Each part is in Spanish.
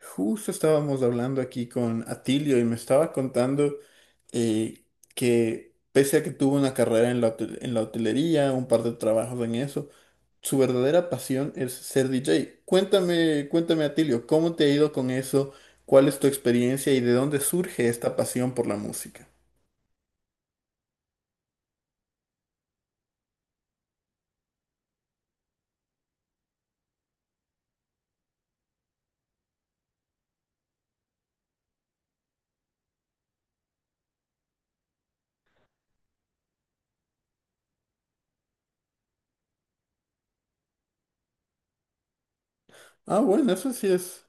Justo estábamos hablando aquí con Atilio y me estaba contando eh, que pese a que tuvo una carrera en en la hotelería, un par de trabajos en eso, su verdadera pasión es ser DJ. Cuéntame, cuéntame Atilio, ¿cómo te ha ido con eso? ¿Cuál es tu experiencia y de dónde surge esta pasión por la música? Ah, bueno, eso sí es.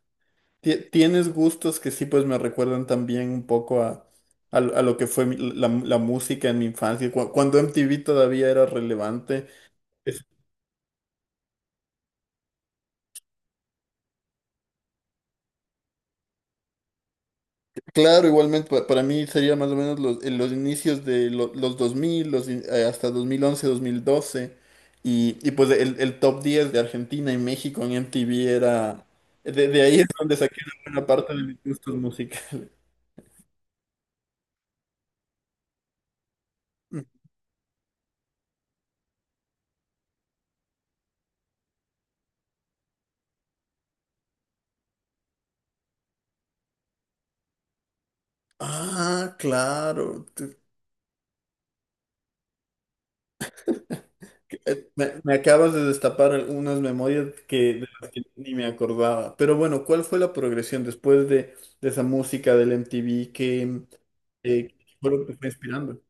Tienes gustos que sí pues me recuerdan también un poco a lo que fue la música en mi infancia, cuando MTV todavía era relevante. Es- Claro, igualmente para mí sería más o menos en los inicios de los 2000, hasta 2011, dos mil doce. Y pues el top 10 de Argentina y México en MTV era... de ahí es donde saqué una buena parte de mis gustos musicales. Ah, claro. Me, me acabas de destapar algunas memorias que, de las que ni me acordaba. Pero bueno, ¿cuál fue la progresión después de esa música del MTV que fue lo que te fue inspirando?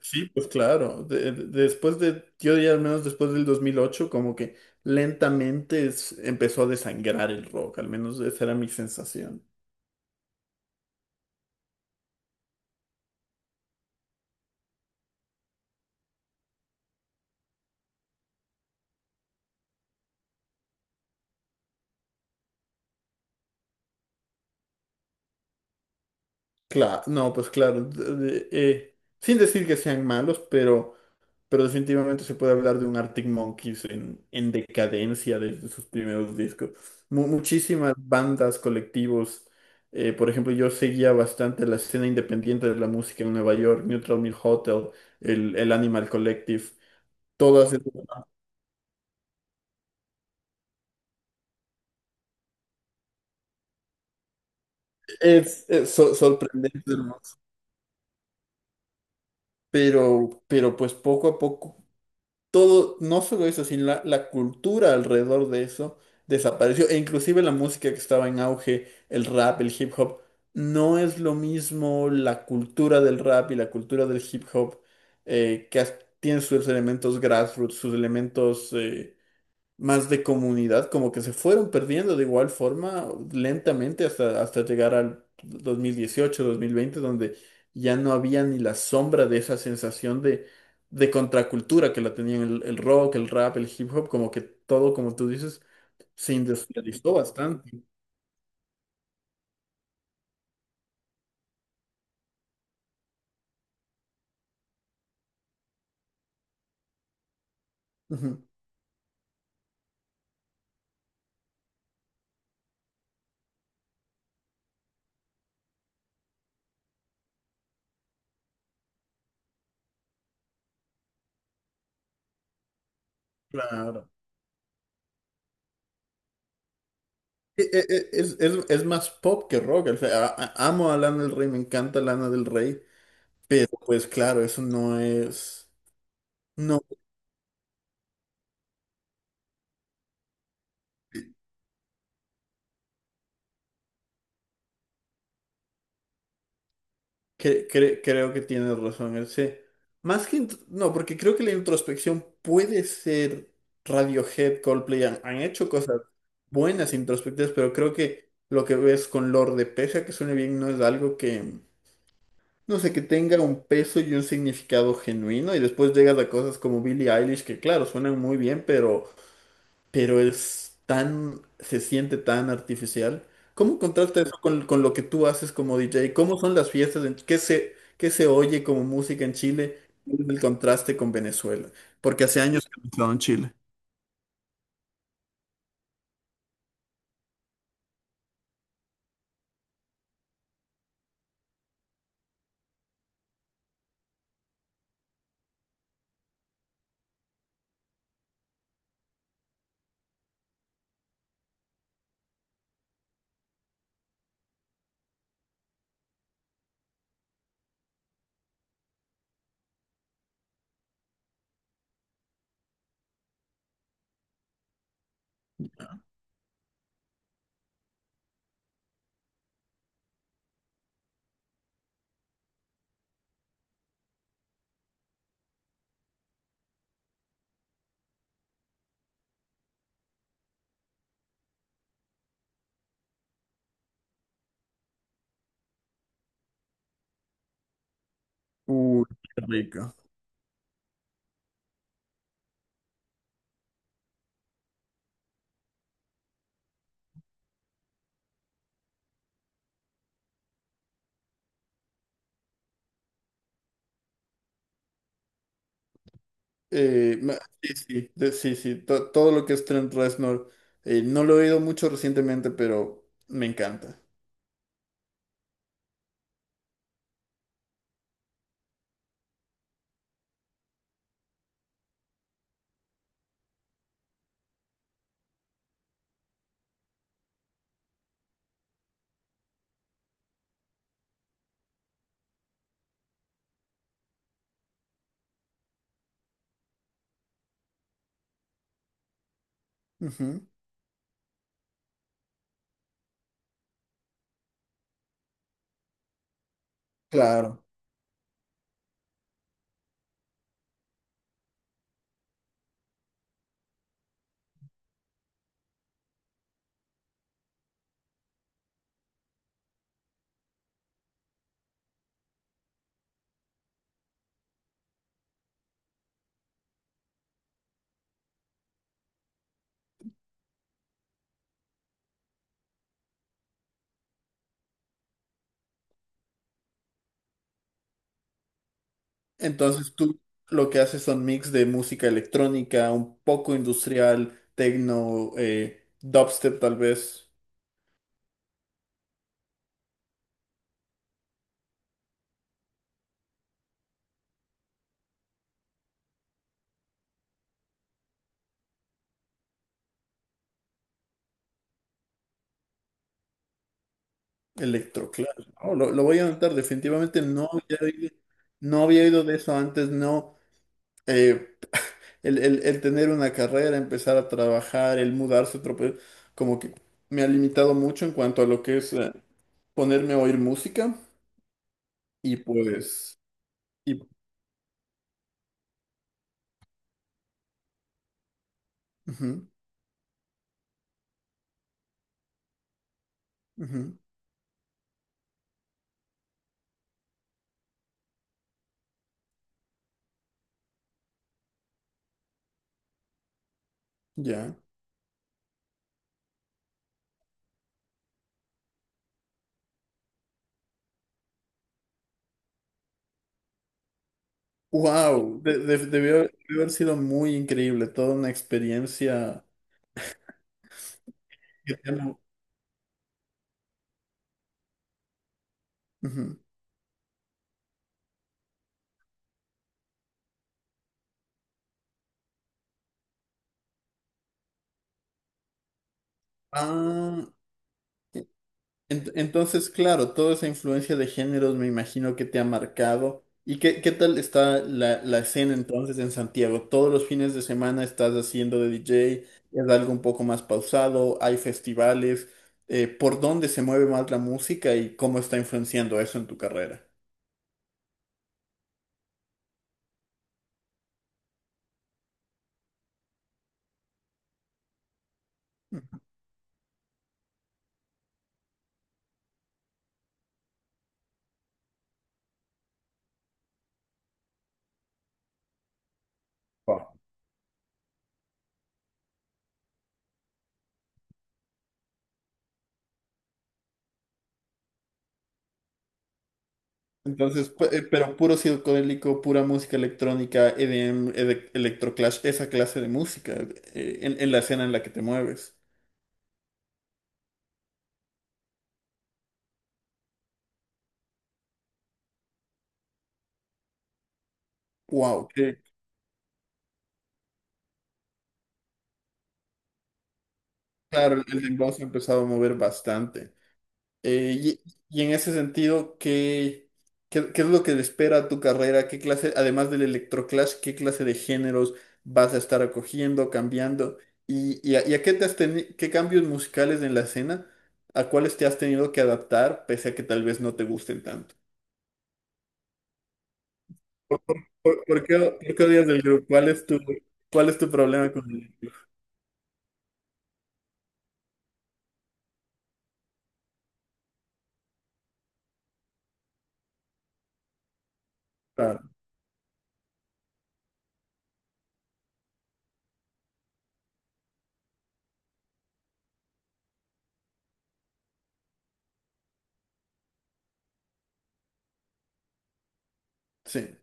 Sí, pues claro. Después de, yo diría al menos después del 2008, como que lentamente empezó a desangrar el rock, al menos esa era mi sensación. Claro, no, pues claro, sin decir que sean malos, pero definitivamente se puede hablar de un Arctic Monkeys en decadencia desde sus primeros discos. Muchísimas bandas, colectivos. Por ejemplo, yo seguía bastante la escena independiente de la música en Nueva York, Neutral Milk Hotel, el Animal Collective. Todas esas- es, sorprendente, hermano. Pero pues poco a poco, todo, no solo eso, sino la, la cultura alrededor de eso desapareció. E inclusive la música que estaba en auge, el rap, el hip hop, no es lo mismo la cultura del rap y la cultura del hip hop, que as- tiene sus elementos grassroots, sus elementos más de comunidad, como que se fueron perdiendo de igual forma lentamente hasta, hasta llegar al 2018, 2020, donde ya no había ni la sombra de esa sensación de contracultura que la tenían el rock, el rap, el hip hop, como que todo, como tú dices, se industrializó bastante. Ujú. Claro. Es, es más pop que rock. O sea, amo a Lana del Rey, me encanta Lana del Rey, pero pues claro, eso no es... No. Creo que tienes razón, ese. Más que... No, porque creo que la introspección puede ser Radiohead, Coldplay, han, han hecho cosas buenas introspectivas, pero creo que lo que ves con Lorde, pese a que suene bien, no es algo que, no sé, que tenga un peso y un significado genuino. Y después llegas a cosas como Billie Eilish, que claro, suenan muy bien, pero es tan, se siente tan artificial. ¿Cómo contrasta eso con lo que tú haces como DJ? ¿Cómo son las fiestas? En, qué se oye como música en Chile? ¿Cuál es el contraste con Venezuela? Porque hace años que no he estado en Chile. Uy, qué rico. Sí, sí, sí, sí, todo lo que es Trent Reznor, no lo he oído mucho recientemente, pero me encanta. Ujú. Claro. Entonces tú lo que haces son mix de música electrónica, un poco industrial, techno, dubstep tal vez, electroclaro. Oh, lo voy a anotar, definitivamente no había oído, no había oído de eso antes, no. Eh, el, el tener una carrera, empezar a trabajar, el mudarse, a otro país, como que me ha limitado mucho en cuanto a lo que es ponerme a oír música y pues... Y, ujú, ujú, ya. Wow, debió, debió haber sido muy increíble, toda una experiencia. que te han- Ujú. Ah, e, entonces, claro, toda esa influencia de géneros me imagino que te ha marcado. ¿Y qué, qué tal está la, la escena entonces en Santiago? ¿Todos los fines de semana estás haciendo de DJ? ¿Es algo un poco más pausado? ¿Hay festivales? ¿Por dónde se mueve más la música y cómo está influenciando eso en tu carrera? Ujú. Entonces, pero puro psicodélico, pura música electrónica, EDM, electroclash, esa clase de música, en la escena en la que te mueves. Wow, que claro, el dembow se ha empezado a mover bastante. Eh, y en ese sentido, ¿qué, qué, qué es lo que te espera a tu carrera? ¿Qué clase, además del electroclash, qué clase de géneros vas a estar acogiendo, cambiando? Y a qué te has qué cambios musicales en la escena? ¿A cuáles te has tenido que adaptar, pese a que tal vez no te gusten tanto? ¿Por, por qué odias del grupo? Cuál es tu problema con el grupo? Claro, sí.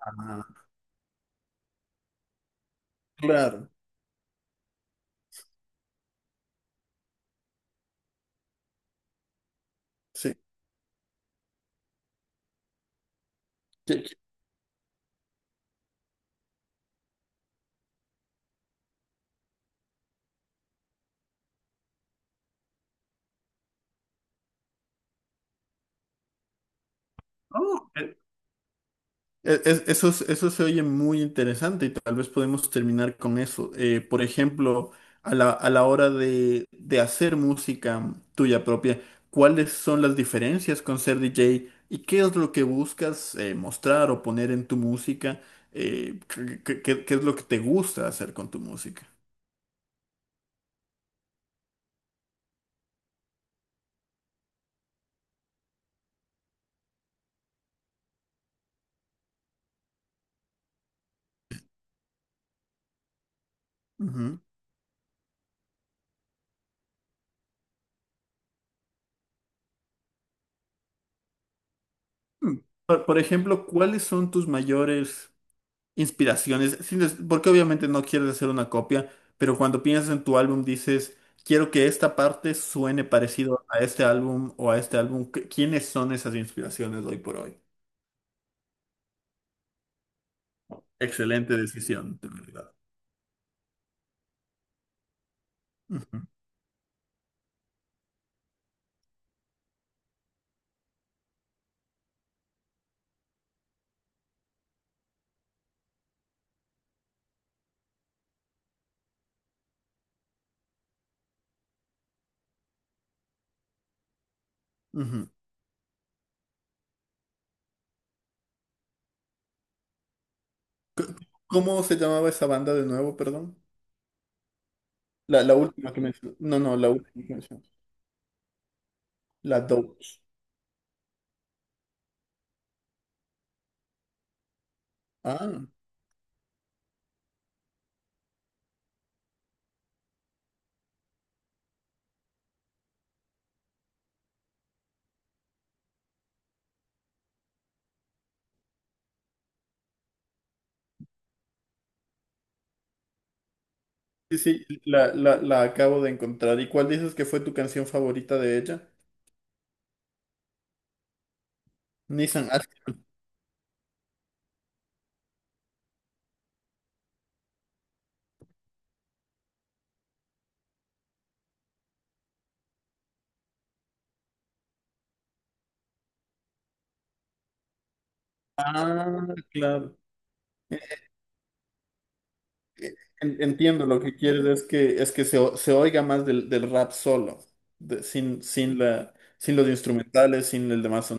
Ah, claro, sí. Que- que- oh, eh, Eso, eso se oye muy interesante y tal vez podemos terminar con eso. Por ejemplo, a la hora de hacer música tuya propia, ¿cuáles son las diferencias con ser DJ y qué es lo que buscas mostrar o poner en tu música? ¿Qué, qué es lo que te gusta hacer con tu música? Mm. Por ejemplo, ¿cuáles son tus mayores inspiraciones? Sin des- Porque obviamente no quieres hacer una copia, pero cuando piensas en tu álbum dices, quiero que esta parte suene parecido a este álbum o a este álbum. ¿Quiénes son esas inspiraciones hoy por hoy? Excelente decisión, de verdad. Ujú, ujú. ¿Cómo se llamaba esa banda de nuevo, perdón? La última que mencioné. No, no, la última que mencioné. La Doge. Ah, sí, sí, la acabo de encontrar. ¿Y cuál dices que fue tu canción favorita de ella? Nissan Ashca. Ah, claro. Eh, Entiendo lo que quieres, es que se, se oiga más del, del rap solo, sin, sin, la, sin los instrumentales, sin el demás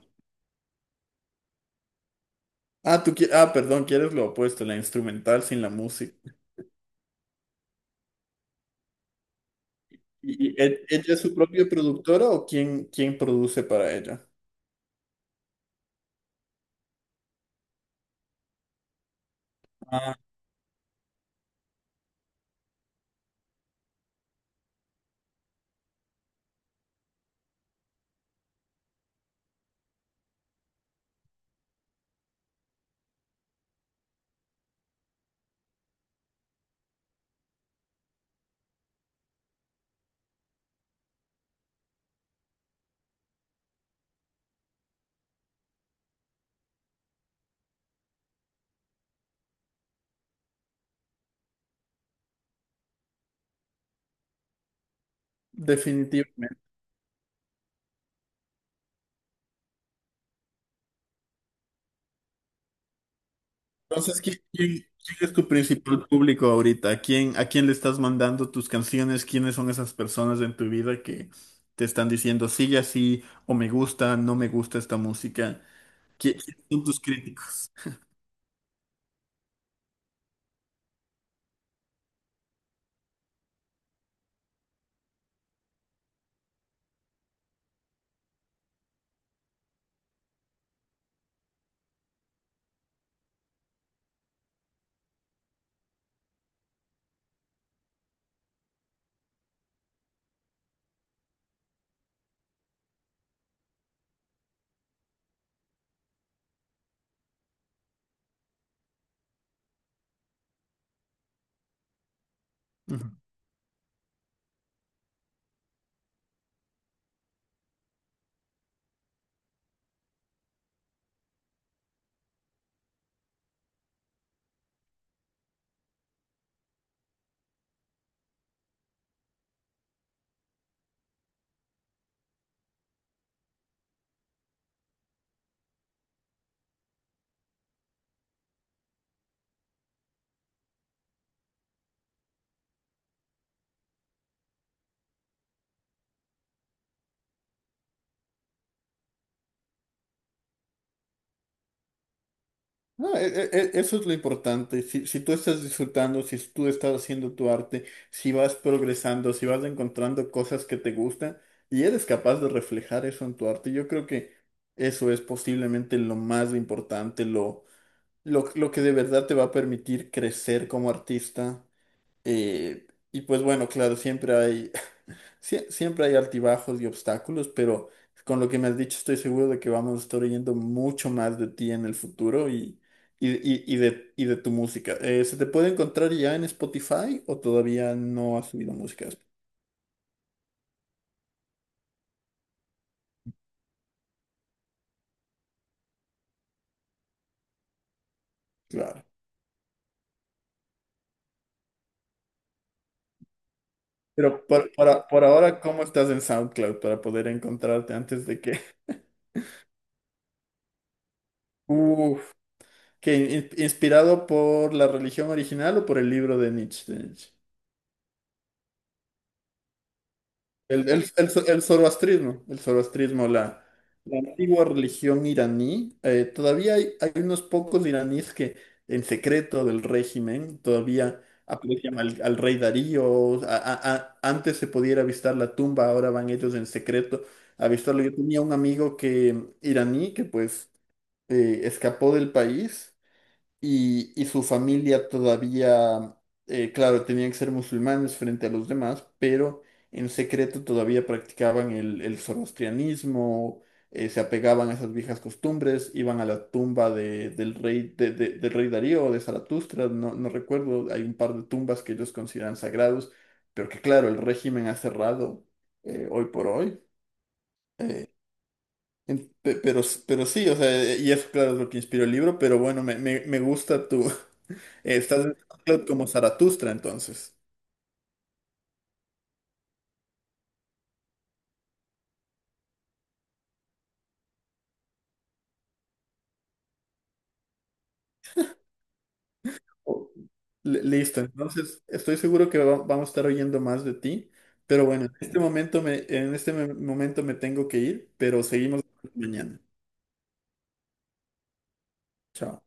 Ah, perdón, quieres lo opuesto, la instrumental sin la música. Y ella es su propia productora o quién, quién produce para ella? Ah, definitivamente. Entonces, ¿quién, quién es tu principal público ahorita? A quién le estás mandando tus canciones? ¿Quiénes son esas personas en tu vida que te están diciendo sigue así o me gusta, no me gusta esta música? ¿Quiénes son tus críticos? Ujú. No, eso es lo importante. Si, si tú estás disfrutando, si tú estás haciendo tu arte, si vas progresando, si vas encontrando cosas que te gustan y eres capaz de reflejar eso en tu arte, yo creo que eso es posiblemente lo más importante, lo que de verdad te va a permitir crecer como artista. Y pues bueno, claro, siempre hay, siempre hay altibajos y obstáculos, pero con lo que me has dicho estoy seguro de que vamos a estar oyendo mucho más de ti en el futuro y, y de tu música. ¿Se te puede encontrar ya en Spotify o todavía no has subido música? Claro. Pero por, por ahora, ¿cómo estás en SoundCloud para poder encontrarte antes de que... Uf, que inspirado por la religión original o por el libro de Nietzsche. De Nietzsche. El, el zoroastrismo, la antigua religión iraní. Eh, todavía hay, hay unos pocos iraníes que en secreto del régimen todavía aprecian al, al rey Darío. Antes se podía ir a visitar la tumba, ahora van ellos en secreto a visitarlo. Yo tenía un amigo que iraní que pues escapó del país y su familia todavía, claro, tenían que ser musulmanes frente a los demás, pero en secreto todavía practicaban el zoroastrianismo, se apegaban a esas viejas costumbres, iban a la tumba del rey, del rey Darío o de Zaratustra, no, no recuerdo, hay un par de tumbas que ellos consideran sagrados, pero que claro, el régimen ha cerrado hoy por hoy. eh, pero, pero sí, o sea, y eso claro es lo que inspiró el libro, pero bueno, me gusta tu. Estás en SoundCloud como Zaratustra, entonces. O- Listo, entonces estoy seguro que vamos a estar oyendo más de ti, pero bueno, en este momento me, en este momento me tengo que ir, pero seguimos mañana. Chao.